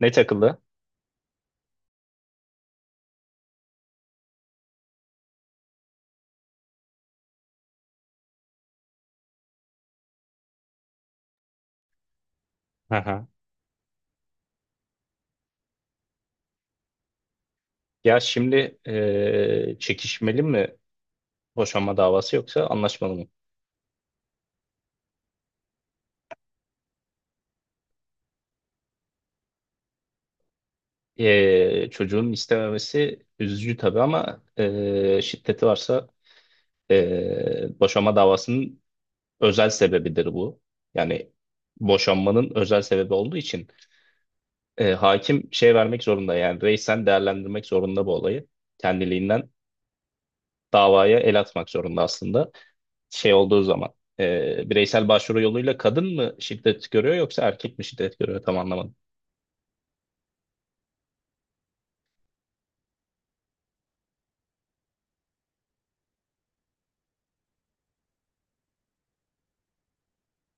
Ne takıldı? Hı hı. Ya şimdi çekişmeli mi boşanma davası yoksa anlaşmalı mı? Çocuğun istememesi üzücü tabii ama şiddeti varsa boşanma davasının özel sebebidir bu. Yani boşanmanın özel sebebi olduğu için hakim şey vermek zorunda, yani reisen değerlendirmek zorunda bu olayı. Kendiliğinden davaya el atmak zorunda aslında. Şey olduğu zaman bireysel başvuru yoluyla kadın mı şiddet görüyor yoksa erkek mi şiddet görüyor, tam anlamadım.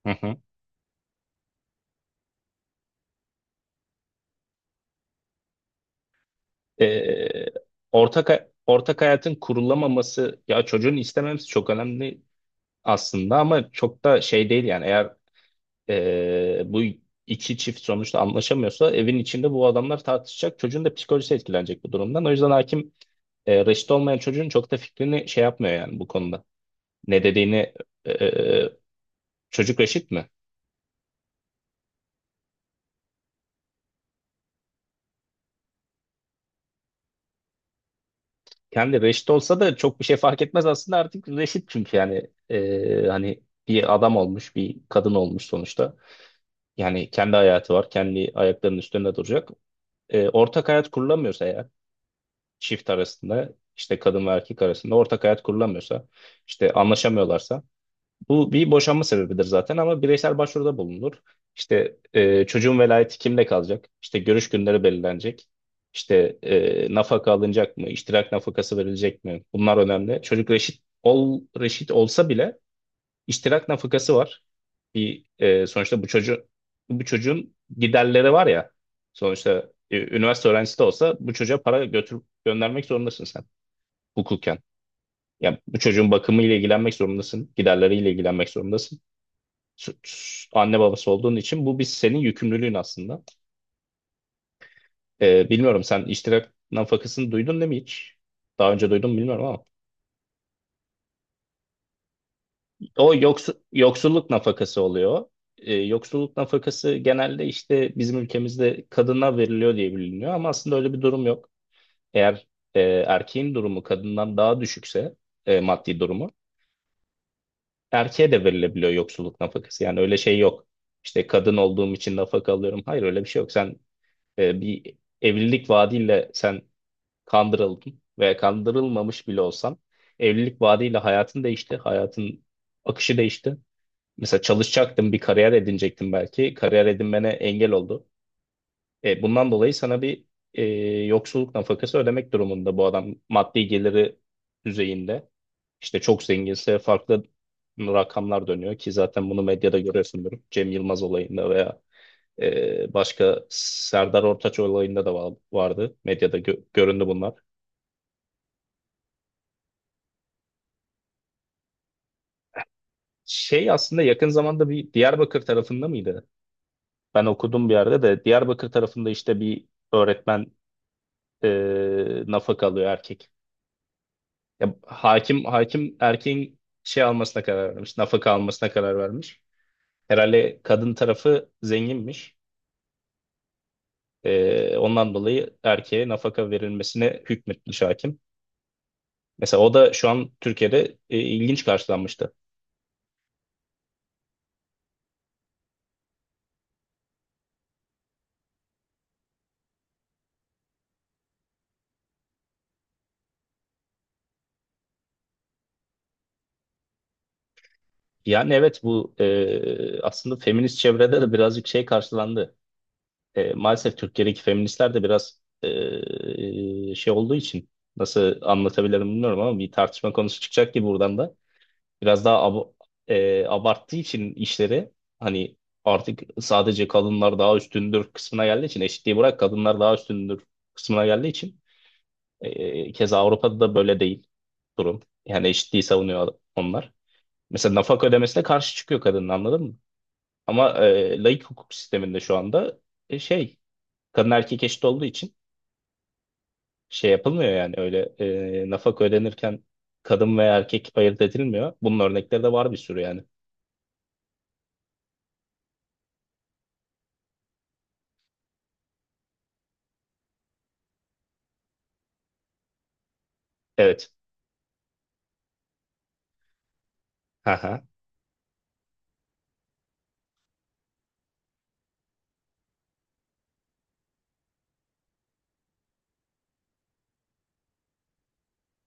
Hı hı. E, ortak hayatın kurulamaması ya çocuğun istememesi çok önemli aslında, ama çok da şey değil yani. Eğer bu iki çift sonuçta anlaşamıyorsa, evin içinde bu adamlar tartışacak, çocuğun da psikolojisi etkilenecek bu durumdan. O yüzden hakim reşit olmayan çocuğun çok da fikrini şey yapmıyor yani bu konuda. Ne dediğini. e, e, Çocuk reşit mi? Kendi reşit olsa da çok bir şey fark etmez aslında, artık reşit çünkü. Yani hani bir adam olmuş, bir kadın olmuş sonuçta. Yani kendi hayatı var, kendi ayaklarının üstünde duracak. Ortak hayat kurulamıyorsa eğer, çift arasında, işte kadın ve erkek arasında ortak hayat kurulamıyorsa, işte anlaşamıyorlarsa, bu bir boşanma sebebidir zaten, ama bireysel başvuruda bulunur. İşte çocuğun velayeti kimde kalacak? İşte görüş günleri belirlenecek. İşte nafaka alınacak mı? İştirak nafakası verilecek mi? Bunlar önemli. Çocuk reşit ol reşit olsa bile iştirak nafakası var. Sonuçta bu çocuğu, bu çocuğun giderleri var ya. Sonuçta üniversite öğrencisi de olsa bu çocuğa para götürüp göndermek zorundasın sen, hukuken. Yani bu çocuğun bakımıyla ilgilenmek zorundasın, giderleriyle ilgilenmek zorundasın, süt anne babası olduğun için bu bir senin yükümlülüğün aslında. Bilmiyorum, sen iştirak nafakasını duydun değil mi hiç? Daha önce duydun mu bilmiyorum ama. O yoksulluk nafakası oluyor. Yoksulluk nafakası genelde işte bizim ülkemizde kadına veriliyor diye biliniyor, ama aslında öyle bir durum yok. Eğer erkeğin durumu kadından daha düşükse, maddi durumu, erkeğe de verilebiliyor yoksulluk nafakası. Yani öyle şey yok. İşte kadın olduğum için nafaka alıyorum, hayır öyle bir şey yok. Sen bir evlilik vaadiyle sen kandırıldın, veya kandırılmamış bile olsan evlilik vaadiyle hayatın değişti, hayatın akışı değişti. Mesela çalışacaktın, bir kariyer edinecektin belki. Kariyer edinmene engel oldu. Bundan dolayı sana bir e, yoksulluk nafakası ödemek durumunda bu adam, maddi geliri düzeyinde. İşte çok zenginse farklı rakamlar dönüyor ki zaten bunu medyada görüyorsundur. Cem Yılmaz olayında, veya başka Serdar Ortaç olayında da vardı. Medyada göründü bunlar. Şey aslında yakın zamanda bir Diyarbakır tarafında mıydı? Ben okudum bir yerde de, Diyarbakır tarafında işte bir öğretmen nafaka alıyor, erkek. Ya, hakim erkeğin şey almasına karar vermiş, nafaka almasına karar vermiş. Herhalde kadın tarafı zenginmiş. Ondan dolayı erkeğe nafaka verilmesine hükmetmiş hakim. Mesela o da şu an Türkiye'de ilginç karşılanmıştı. Yani evet, bu aslında feminist çevrede de birazcık şey karşılandı. Maalesef Türkiye'deki feministler de biraz şey olduğu için, nasıl anlatabilirim bilmiyorum, ama bir tartışma konusu çıkacak ki buradan da biraz daha abarttığı için işleri, hani artık sadece kadınlar daha üstündür kısmına geldiği için, eşitliği bırak kadınlar daha üstündür kısmına geldiği için, keza Avrupa'da da böyle değil durum. Yani eşitliği savunuyor onlar. Mesela nafaka ödemesine karşı çıkıyor kadın, anladın mı? Ama laik hukuk sisteminde şu anda şey, kadın erkek eşit olduğu için şey yapılmıyor yani, öyle nafaka ödenirken kadın veya erkek ayırt edilmiyor. Bunun örnekleri de var bir sürü yani. Evet. Haha.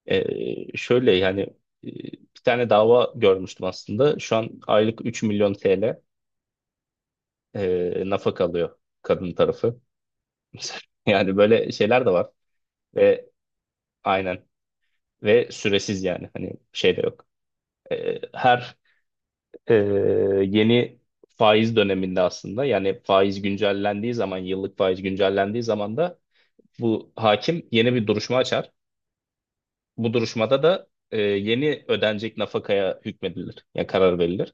Şöyle yani, e, bir tane dava görmüştüm aslında. Şu an aylık 3 milyon TL nafaka alıyor kadın tarafı. Yani böyle şeyler de var. Ve aynen, ve süresiz, yani hani şey de yok. Her e, yeni faiz döneminde aslında, yani faiz güncellendiği zaman, yıllık faiz güncellendiği zaman da bu hakim yeni bir duruşma açar. Bu duruşmada da yeni ödenecek nafakaya hükmedilir. Yani karar verilir.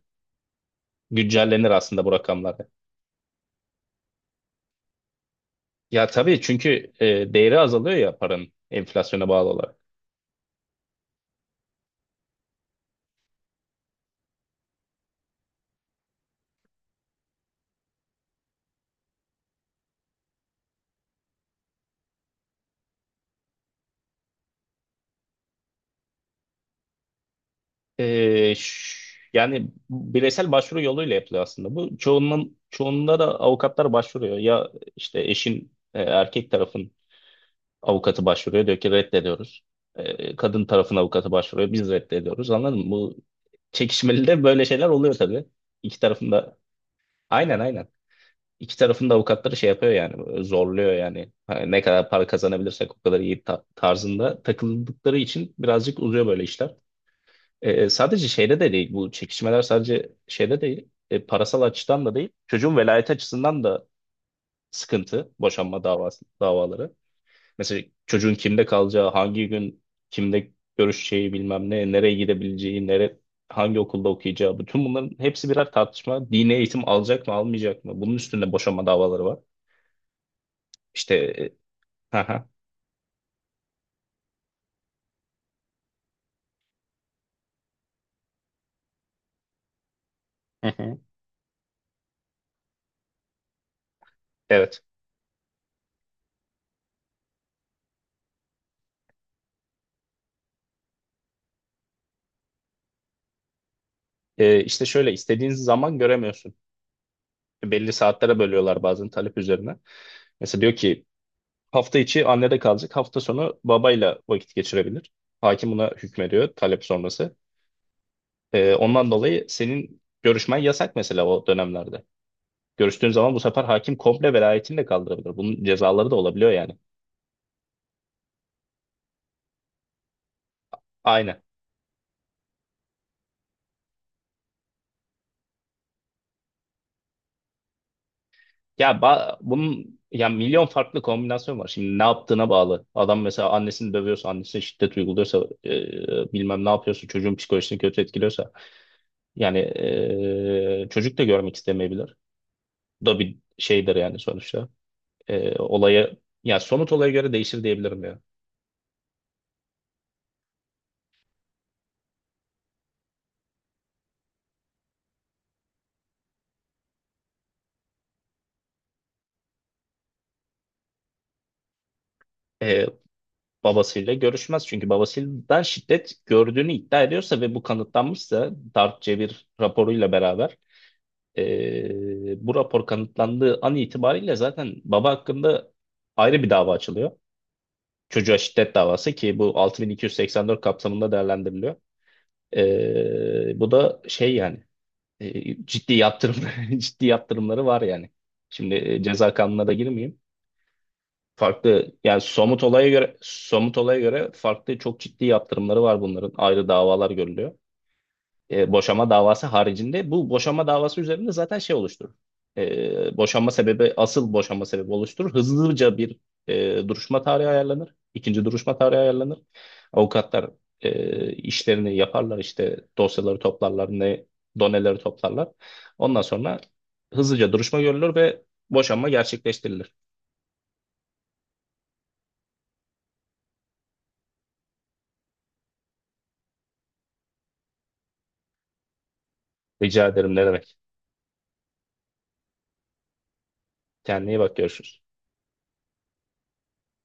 Güncellenir aslında bu rakamlar. Ya tabii, çünkü değeri azalıyor ya paranın, enflasyona bağlı olarak. E, ş- Yani bireysel başvuru yoluyla yapılıyor aslında. Bu çoğunun çoğunda da avukatlar başvuruyor. Ya işte eşin, erkek tarafın avukatı başvuruyor, diyor ki reddediyoruz. Kadın tarafın avukatı başvuruyor, biz reddediyoruz, anladın mı? Bu çekişmeli de böyle şeyler oluyor tabii. İki tarafında aynen, aynen. İki tarafın da avukatları şey yapıyor yani, böyle zorluyor yani. Hani ne kadar para kazanabilirsek o kadar iyi tarzında takıldıkları için birazcık uzuyor böyle işler. Sadece şeyde de değil bu çekişmeler, sadece şeyde değil, parasal açıdan da değil, çocuğun velayet açısından da sıkıntı boşanma davaları. Mesela çocuğun kimde kalacağı, hangi gün kimde görüşeceği, bilmem ne, nereye gidebileceği, hangi okulda okuyacağı. Bütün bunların hepsi birer tartışma. Dini eğitim alacak mı, almayacak mı? Bunun üstünde boşanma davaları var. İşte aha, hı hı, hı. Evet. İşte şöyle, istediğin zaman göremiyorsun. Belli saatlere bölüyorlar bazen, talep üzerine. Mesela diyor ki hafta içi annede kalacak, hafta sonu babayla vakit geçirebilir. Hakim buna hükmediyor, talep sonrası. Ondan dolayı senin görüşmen yasak mesela o dönemlerde. Görüştüğün zaman bu sefer hakim komple velayetini de kaldırabilir. Bunun cezaları da olabiliyor yani. Aynen. Ya bunun ya milyon farklı kombinasyon var. Şimdi ne yaptığına bağlı. Adam mesela annesini dövüyorsa, annesine şiddet uyguluyorsa, bilmem ne yapıyorsa, çocuğun psikolojisini kötü etkiliyorsa. Yani çocuk da görmek istemeyebilir. Bu da bir şeydir yani sonuçta. E, olaya, Ya somut olaya göre değişir diyebilirim ya. E, Babasıyla görüşmez. Çünkü babasından şiddet gördüğünü iddia ediyorsa ve bu kanıtlanmışsa, Darp Cevir raporuyla beraber, bu rapor kanıtlandığı an itibariyle zaten baba hakkında ayrı bir dava açılıyor. Çocuğa şiddet davası, ki bu 6284 kapsamında değerlendiriliyor. Bu da şey yani, ciddi yaptırım ciddi yaptırımları var yani. Şimdi ceza kanununa da girmeyeyim. Farklı yani, somut olaya göre farklı, çok ciddi yaptırımları var bunların. Ayrı davalar görülüyor. Boşama davası haricinde, bu boşama davası üzerinde zaten şey oluşturur. Boşanma sebebi, asıl boşanma sebebi oluşturur. Hızlıca bir duruşma tarihi ayarlanır. İkinci duruşma tarihi ayarlanır. Avukatlar işlerini yaparlar, işte dosyaları toplarlar, ne doneleri toplarlar. Ondan sonra hızlıca duruşma görülür ve boşanma gerçekleştirilir. Rica ederim, ne demek. Kendine iyi bak, görüşürüz.